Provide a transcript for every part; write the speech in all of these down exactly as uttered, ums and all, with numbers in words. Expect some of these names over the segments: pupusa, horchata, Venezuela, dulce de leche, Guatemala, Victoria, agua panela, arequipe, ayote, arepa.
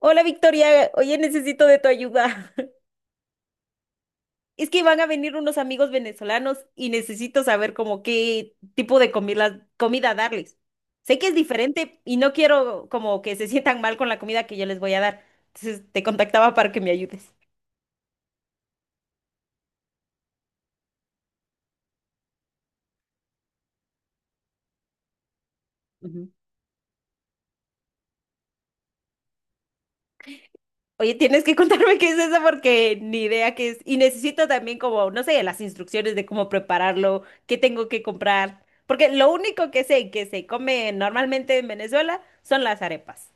Hola Victoria, oye, necesito de tu ayuda. Es que van a venir unos amigos venezolanos y necesito saber como qué tipo de comida, comida darles. Sé que es diferente y no quiero como que se sientan mal con la comida que yo les voy a dar. Entonces te contactaba para que me ayudes. Ujú. Oye, tienes que contarme qué es eso porque ni idea qué es. Y necesito también como, no sé, las instrucciones de cómo prepararlo, qué tengo que comprar. Porque lo único que sé que se come normalmente en Venezuela son las arepas.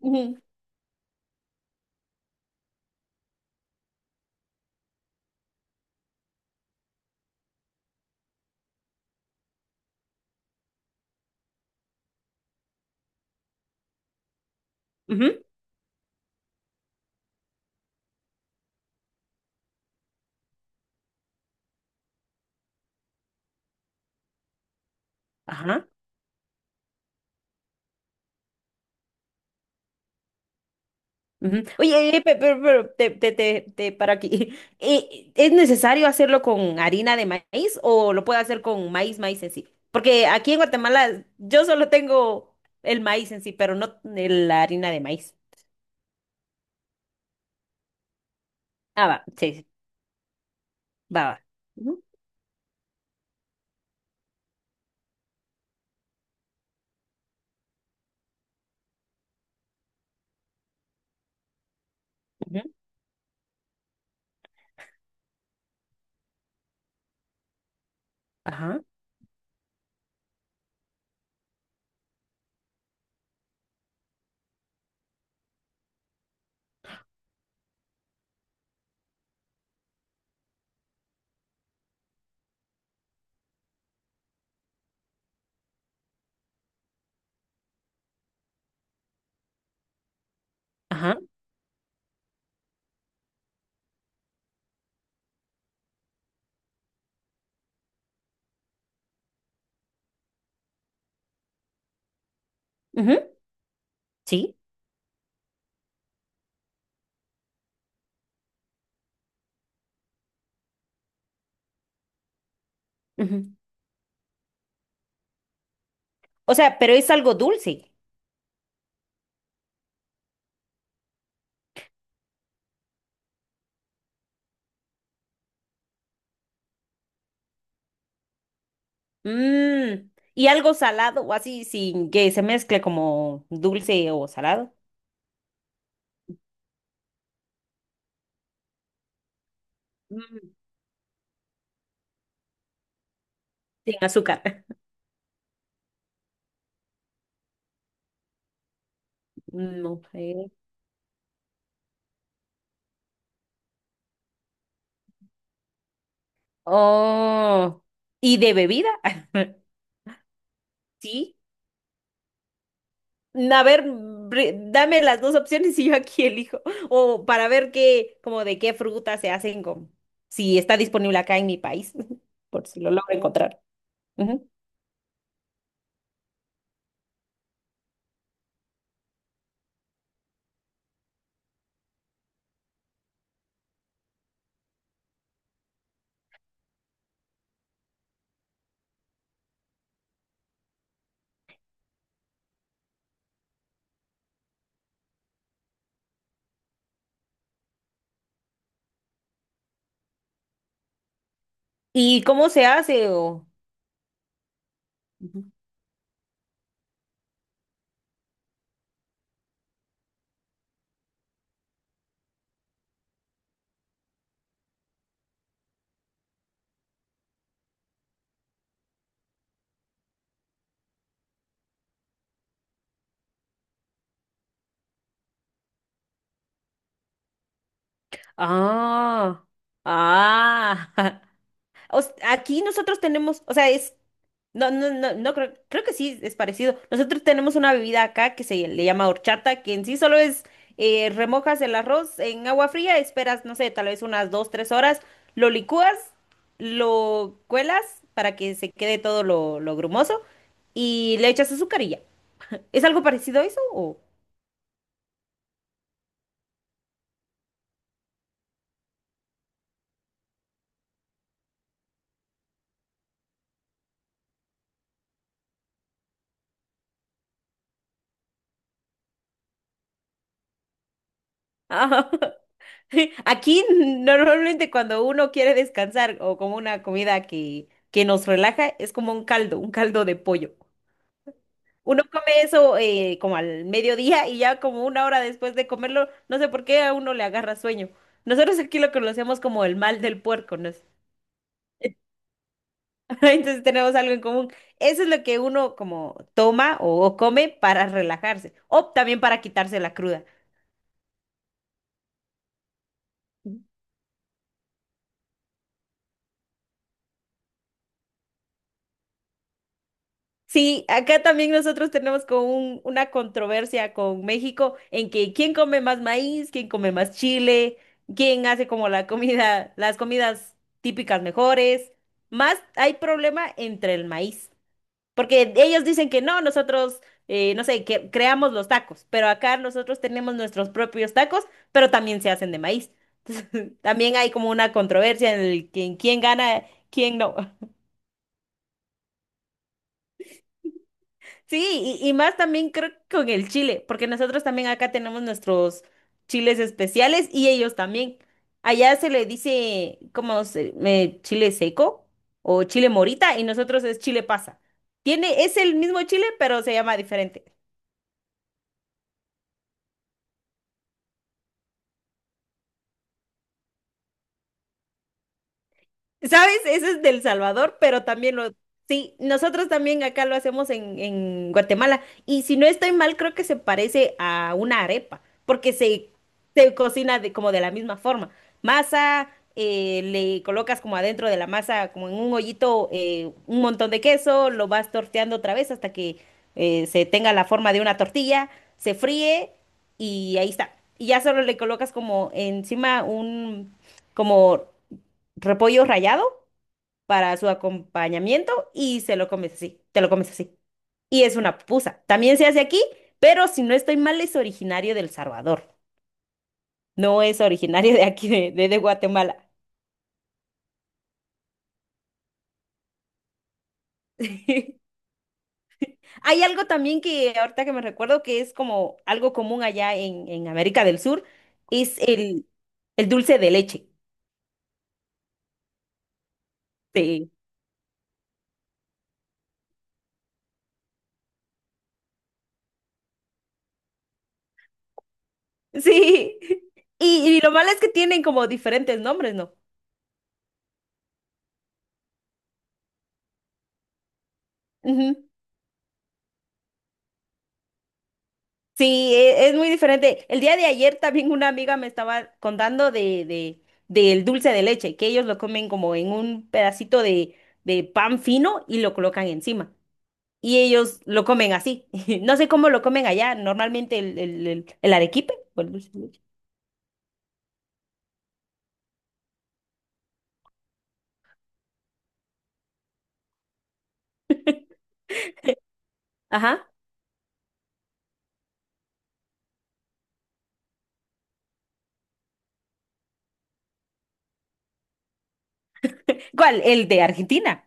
Ujú. Ujú. Ajá. Ujú. Oye, eh, pe- pero, pero te, te, te, te para aquí. Eh, ¿Es necesario hacerlo con harina de maíz o lo puedo hacer con maíz, maíz en sí? Porque aquí en Guatemala yo solo tengo el maíz en sí, pero no el- la harina de maíz. Ah, va, sí, sí, va, va. Ujú, ujú, ajá, ajá, ujú, sí. Ujú. O sea, pero es algo dulce. Mm, y algo salado o así, sin que se mezcle como dulce o salado. Mm, sin azúcar. No sé. Oh, ¿y de bebida? Sí. A ver, bre- dame las dos opciones y yo aquí elijo. O para ver qué, como de qué fruta se hacen con, si está disponible acá en mi país, por si lo logro encontrar. Ujú. ¿Y cómo se hace? O... Ujú. Ah, ah. O s- aquí nosotros tenemos, o sea, es, no, no, no, no creo, creo que sí es parecido. Nosotros tenemos una bebida acá que se le llama horchata, que en sí solo es eh, remojas el arroz en agua fría, esperas, no sé, tal vez unas dos, tres horas, lo licúas, lo cuelas para que se quede todo lo, lo grumoso y le echas azúcar y ya. ¿Es algo parecido a eso o? Aquí normalmente cuando uno quiere descansar o como una comida que, que nos relaja, es como un caldo, un caldo de pollo. Uno come eso eh, como al mediodía y ya como una hora después de comerlo, no sé por qué a uno le agarra sueño. Nosotros aquí lo conocemos como el mal del puerco, ¿no? ¿es? Entonces tenemos algo en común. Eso es lo que uno como toma o come para relajarse o también para quitarse la cruda. Sí, acá también nosotros tenemos como un- una controversia con México en que quién come más maíz, quién come más chile, quién hace como la comida, las comidas típicas mejores. Más hay problema entre el maíz, porque ellos dicen que no, nosotros, eh, no sé, que creamos los tacos, pero acá nosotros tenemos nuestros propios tacos, pero también se hacen de maíz. Entonces, también hay como una controversia en el que- en quién gana, quién no. Sí, y, y más también creo que con el chile, porque nosotros también acá tenemos nuestros chiles especiales y ellos también. Allá se le dice como se- me- chile seco o chile morita y nosotros es chile pasa. Tiene, es el mismo chile, pero se llama diferente. ¿Sabes? Ese es del Salvador, pero también lo... Sí, nosotros también acá lo hacemos en, en Guatemala. Y si no estoy mal, creo que se parece a una arepa, porque se, se cocina de, como de la misma forma. Masa, eh, le colocas como adentro de la masa, como en un hoyito, eh, un montón de queso, lo vas torteando otra vez hasta que eh, se tenga la forma de una tortilla, se fríe y ahí está. Y ya solo le colocas como encima un, como repollo rallado para su acompañamiento y se lo comes así, te lo comes así. Y es una pupusa. También se hace aquí, pero si no estoy mal, es originario del Salvador. No es originario de aquí, de, de- de Guatemala. Hay algo también que ahorita que me recuerdo que es como algo común allá en, en América del Sur, es el, el dulce de leche. Sí. Sí. Y, y lo malo es que tienen como diferentes nombres, ¿no? Ujú. Sí, e- es muy diferente. El día de ayer también una amiga me estaba contando de, de, del dulce de leche, que ellos lo comen como en un pedacito de, de pan fino y lo colocan encima. Y ellos lo comen así. No sé cómo lo comen allá. Normalmente el, el, el, el arequipe o el dulce de leche. Ajá. ¿Cuál? El de Argentina.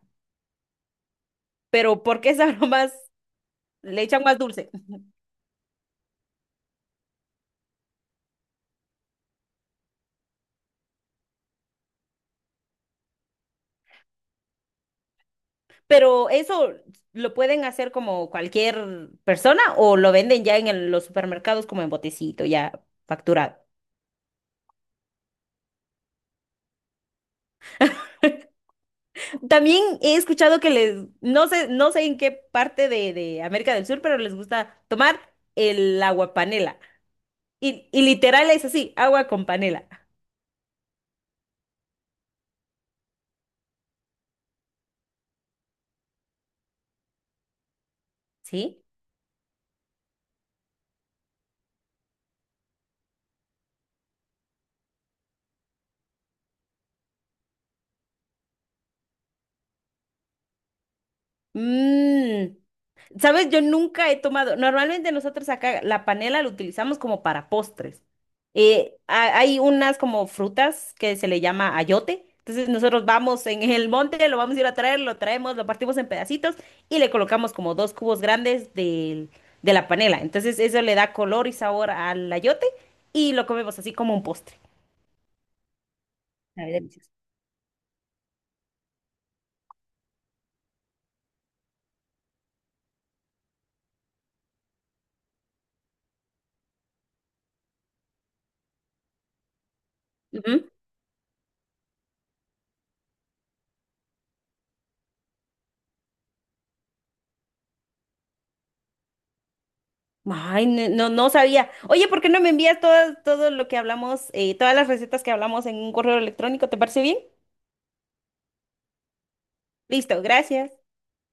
Pero ¿por qué sabrá más? Le echan más dulce. Pero eso lo pueden hacer como cualquier persona o lo venden ya en el- los supermercados como en botecito, ya facturado. También he escuchado que les, no sé, no sé en qué parte de, de América del Sur, pero les gusta tomar el agua panela. Y, y literal es así, agua con panela. ¿Sí? Mm. ¿Sabes? Yo nunca he tomado. Normalmente nosotros acá la panela la utilizamos como para postres. Eh, ha- hay unas como frutas que se le llama ayote. Entonces nosotros vamos en el monte, lo vamos a ir a traer, lo traemos, lo partimos en pedacitos y le colocamos como dos cubos grandes del- de la panela. Entonces eso le da color y sabor al ayote y lo comemos así como un postre. Sabe delicioso. Ay, ne- no, no sabía. Oye, ¿por qué no me envías todo, todo lo que hablamos, eh, todas las recetas que hablamos en un correo electrónico? ¿Te parece bien? Listo, gracias.